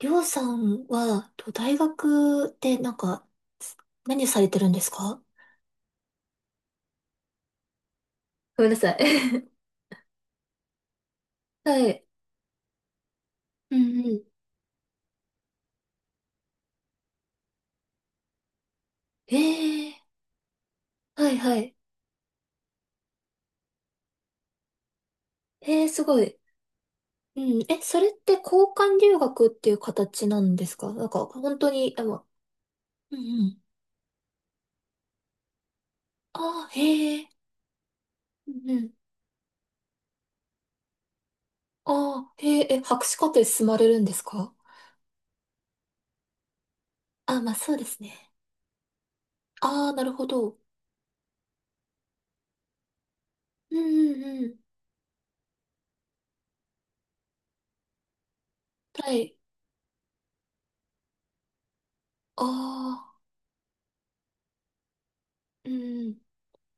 りょうさんは、と大学でなんか、す何されてるんですか？ごめんなさい。はい。うんうん。ええ、はいはい。えー、すごい。うん、え、それって交換留学っていう形なんですか？なんか、本当に、あの、うんうん。ああ、へえ、うんうん。ああ、へえ、え、博士課程進まれるんですか？あ、まあそうですね。ああ、なるほど。うんうんうん。はい。ああ、うんうん。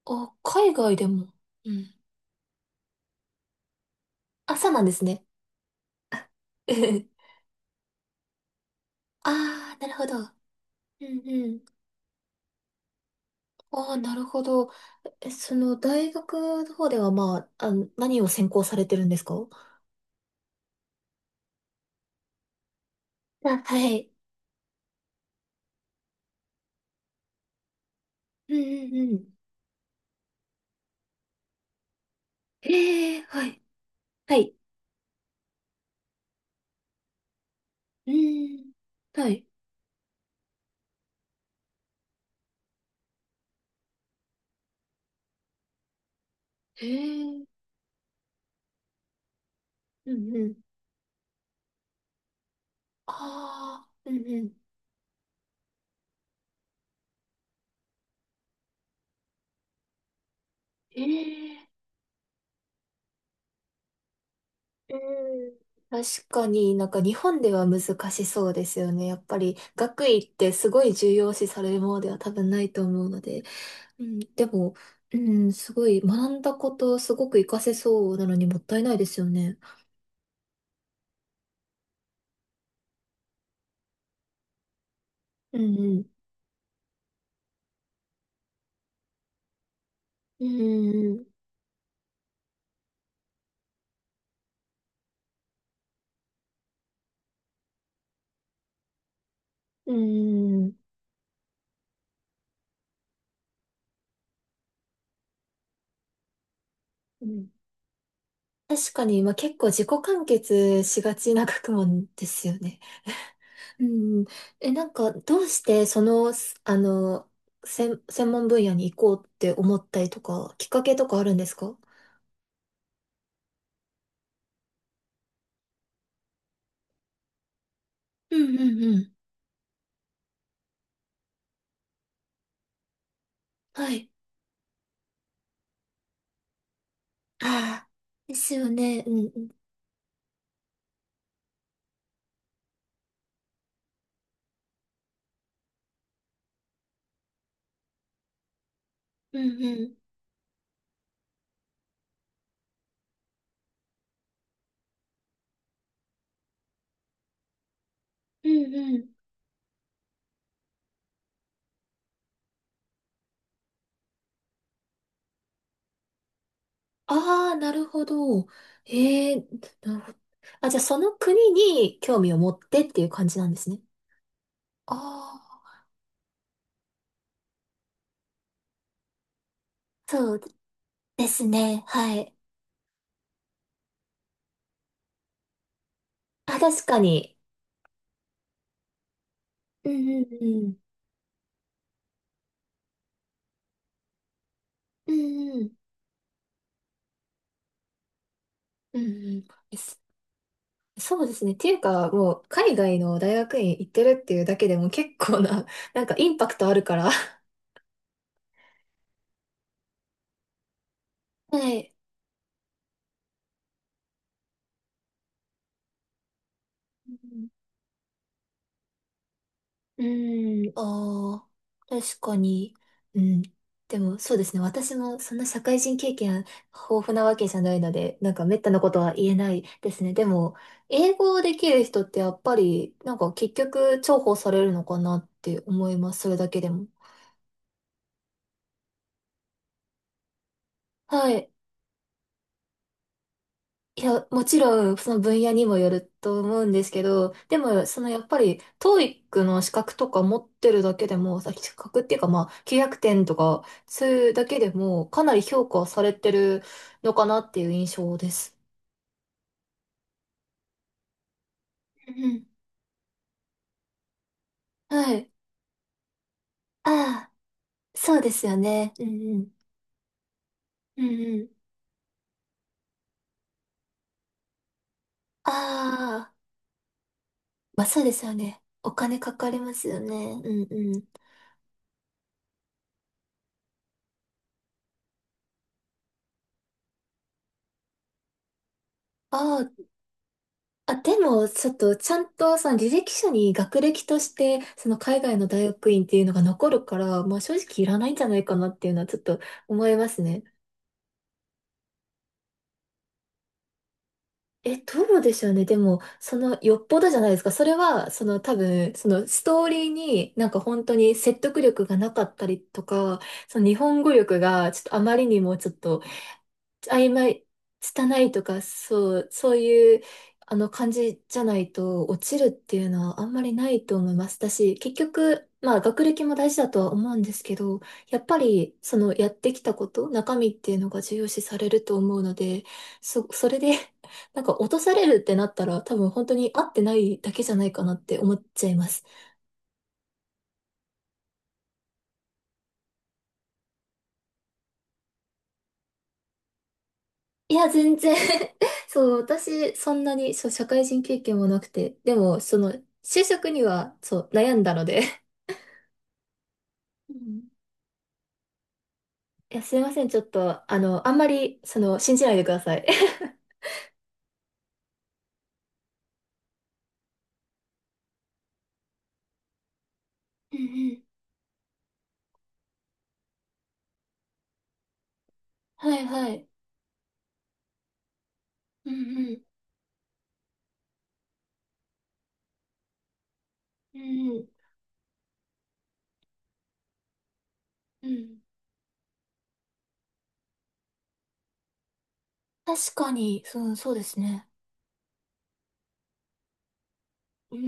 あ、海外でも。うん。あ、そうなんですね。ああ、なるほど。うんうん。ああ、なるほど。え、その、大学の方では、まあ、あの、何を専攻されてるんですか？あ、はい。うんうんうん。ええ、はい。はい。うん。はい。ええ、うんうん。ああ、うんうん。ええ、うん。確かになんか日本では難しそうですよね。やっぱり学位ってすごい重要視されるものでは多分ないと思うので。うん、でも、うん、すごい、学んだこと、すごく活かせそうなのにもったいないですよね。うんうん。うんうん。うん、確かに、まあ、結構自己完結しがちな学問ですよね。うん。え、なんか、どうしてその、すあの、専門分野に行こうって思ったりとか、きっかけとかあるんですか？うんうんうん。はい。ああ、ですよね。うんうん。うんうん。うんうん、ああ、なるほど。ええ、なるほど。あ、じゃあその国に興味を持ってっていう感じなんですね。ああ、そうですね。はい。あ、確かに。うんうんうん。うんうん。うんうん。ですそうですね。っていうか、もう海外の大学院行ってるっていうだけでも結構な、なんかインパクトあるから。はい。うん、ああ、確かに。うん。でも、そうですね。私もそんな社会人経験豊富なわけじゃないので、なんか滅多なことは言えないですね。でも、英語できる人ってやっぱり、なんか結局重宝されるのかなって思います。それだけでも。はい。いや、もちろん、その分野にもよると思うんですけど、でも、そのやっぱり、TOEIC の資格とか持ってるだけでも、資格っていうか、まあ、900点とか、そういうだけでも、かなり評価されてるのかなっていう印象です。うんうん。はい。ああ、そうですよね。うんうん。うんうん。ああ、まあそうですよね。お金かかりますよね。うんうん。ああ、あ、でも、ちょっと、ちゃんと、その履歴書に学歴として、その海外の大学院っていうのが残るから、まあ正直いらないんじゃないかなっていうのはちょっと思いますね。え、どうでしょうね。でも、その、よっぽどじゃないですか。それは、その多分、そのストーリーになんか本当に説得力がなかったりとか、その日本語力がちょっとあまりにもちょっと曖昧、拙いとか、そう、そういう、あの、感じじゃないと、落ちるっていうのはあんまりないと思います。だし、結局、まあ、学歴も大事だとは思うんですけど、やっぱり、その、やってきたこと、中身っていうのが重要視されると思うので、それで なんか、落とされるってなったら、多分、本当に合ってないだけじゃないかなって思っちゃいます。いや、全然 そう、私、そんなに、そう、社会人経験もなくて、でも、その、就職には、そう、悩んだので。うん。いや、すいません、ちょっと、あんまり、信じないでください。うんうん、はい、はい。うん。うんうん。うんうん。うん、確かに、そう、そうですね。うー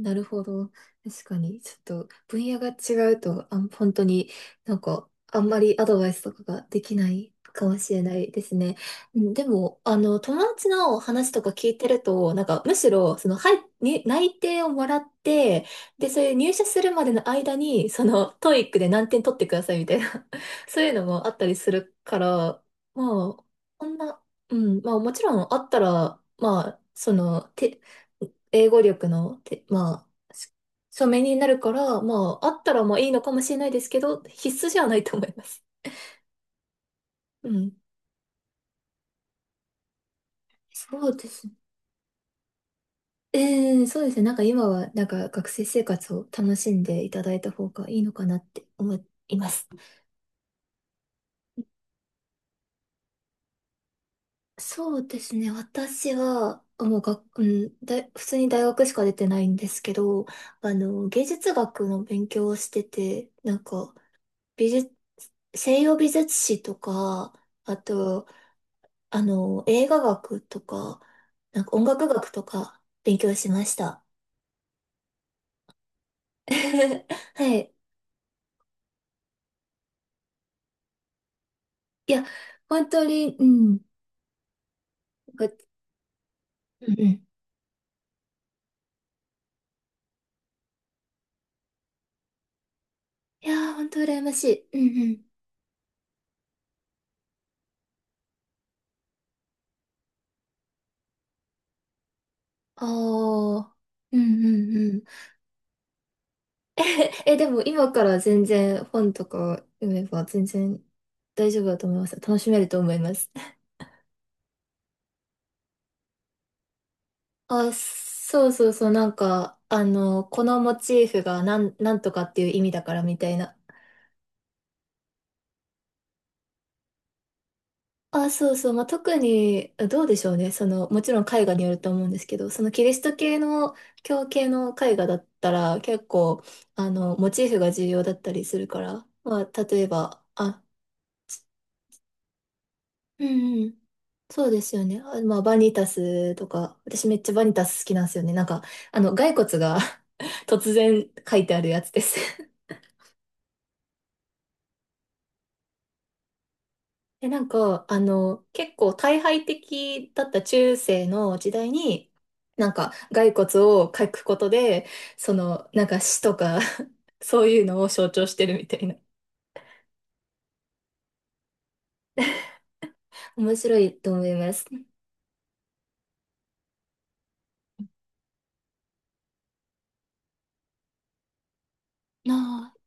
ん、なるほど。確かに、ちょっと分野が違うと、本当になんか、あんまりアドバイスとかができないかもしれないですね。うん、でも、あの、友達の話とか聞いてると、なんか、むしろ、その、はい、内定をもらって、で、それ入社するまでの間に、トーイックで何点取ってくださいみたいな、そういうのもあったりするから、まあ、こんな、うん、まあ、もちろんあったら、まあ、英語力の、まあ、書面になるから、まあ、あったらまあいいのかもしれないですけど、必須じゃないと思います。うん。そうですね。そうですね。なんか今は、なんか学生生活を楽しんでいただいた方がいいのかなって思います。そうですね。私は、もうが、うん、普通に大学しか出てないんですけど、あの、芸術学の勉強をしてて、なんか、美術、西洋美術史とか、あと、あの、映画学とか、なんか音楽学とか勉強しました。はい。いや、本当に、うん。なんかうんうん。いやー、本当羨ましい。うんうん。ああ、うんうんうん。え、でも今から全然本とか読めば全然大丈夫だと思います。楽しめると思います。あ、そうそうそう、なんか、あの、このモチーフがなんとかっていう意味だからみたいな。あ、そうそう。まあ、特に、どうでしょうね。その、もちろん絵画によると思うんですけど、そのキリスト系の、教系の絵画だったら、結構、あの、モチーフが重要だったりするから、まあ、例えば、あ、うんうん、そうですよね。あ、まあ、バニタスとか、私めっちゃバニタス好きなんですよね。なんか、あの、骸骨が 突然書いてあるやつです。で、なんか、あの、結構退廃的だった中世の時代に、なんか、骸骨を描くことで、その、なんか死とか そういうのを象徴してるみたいな。面白いと思います。なあ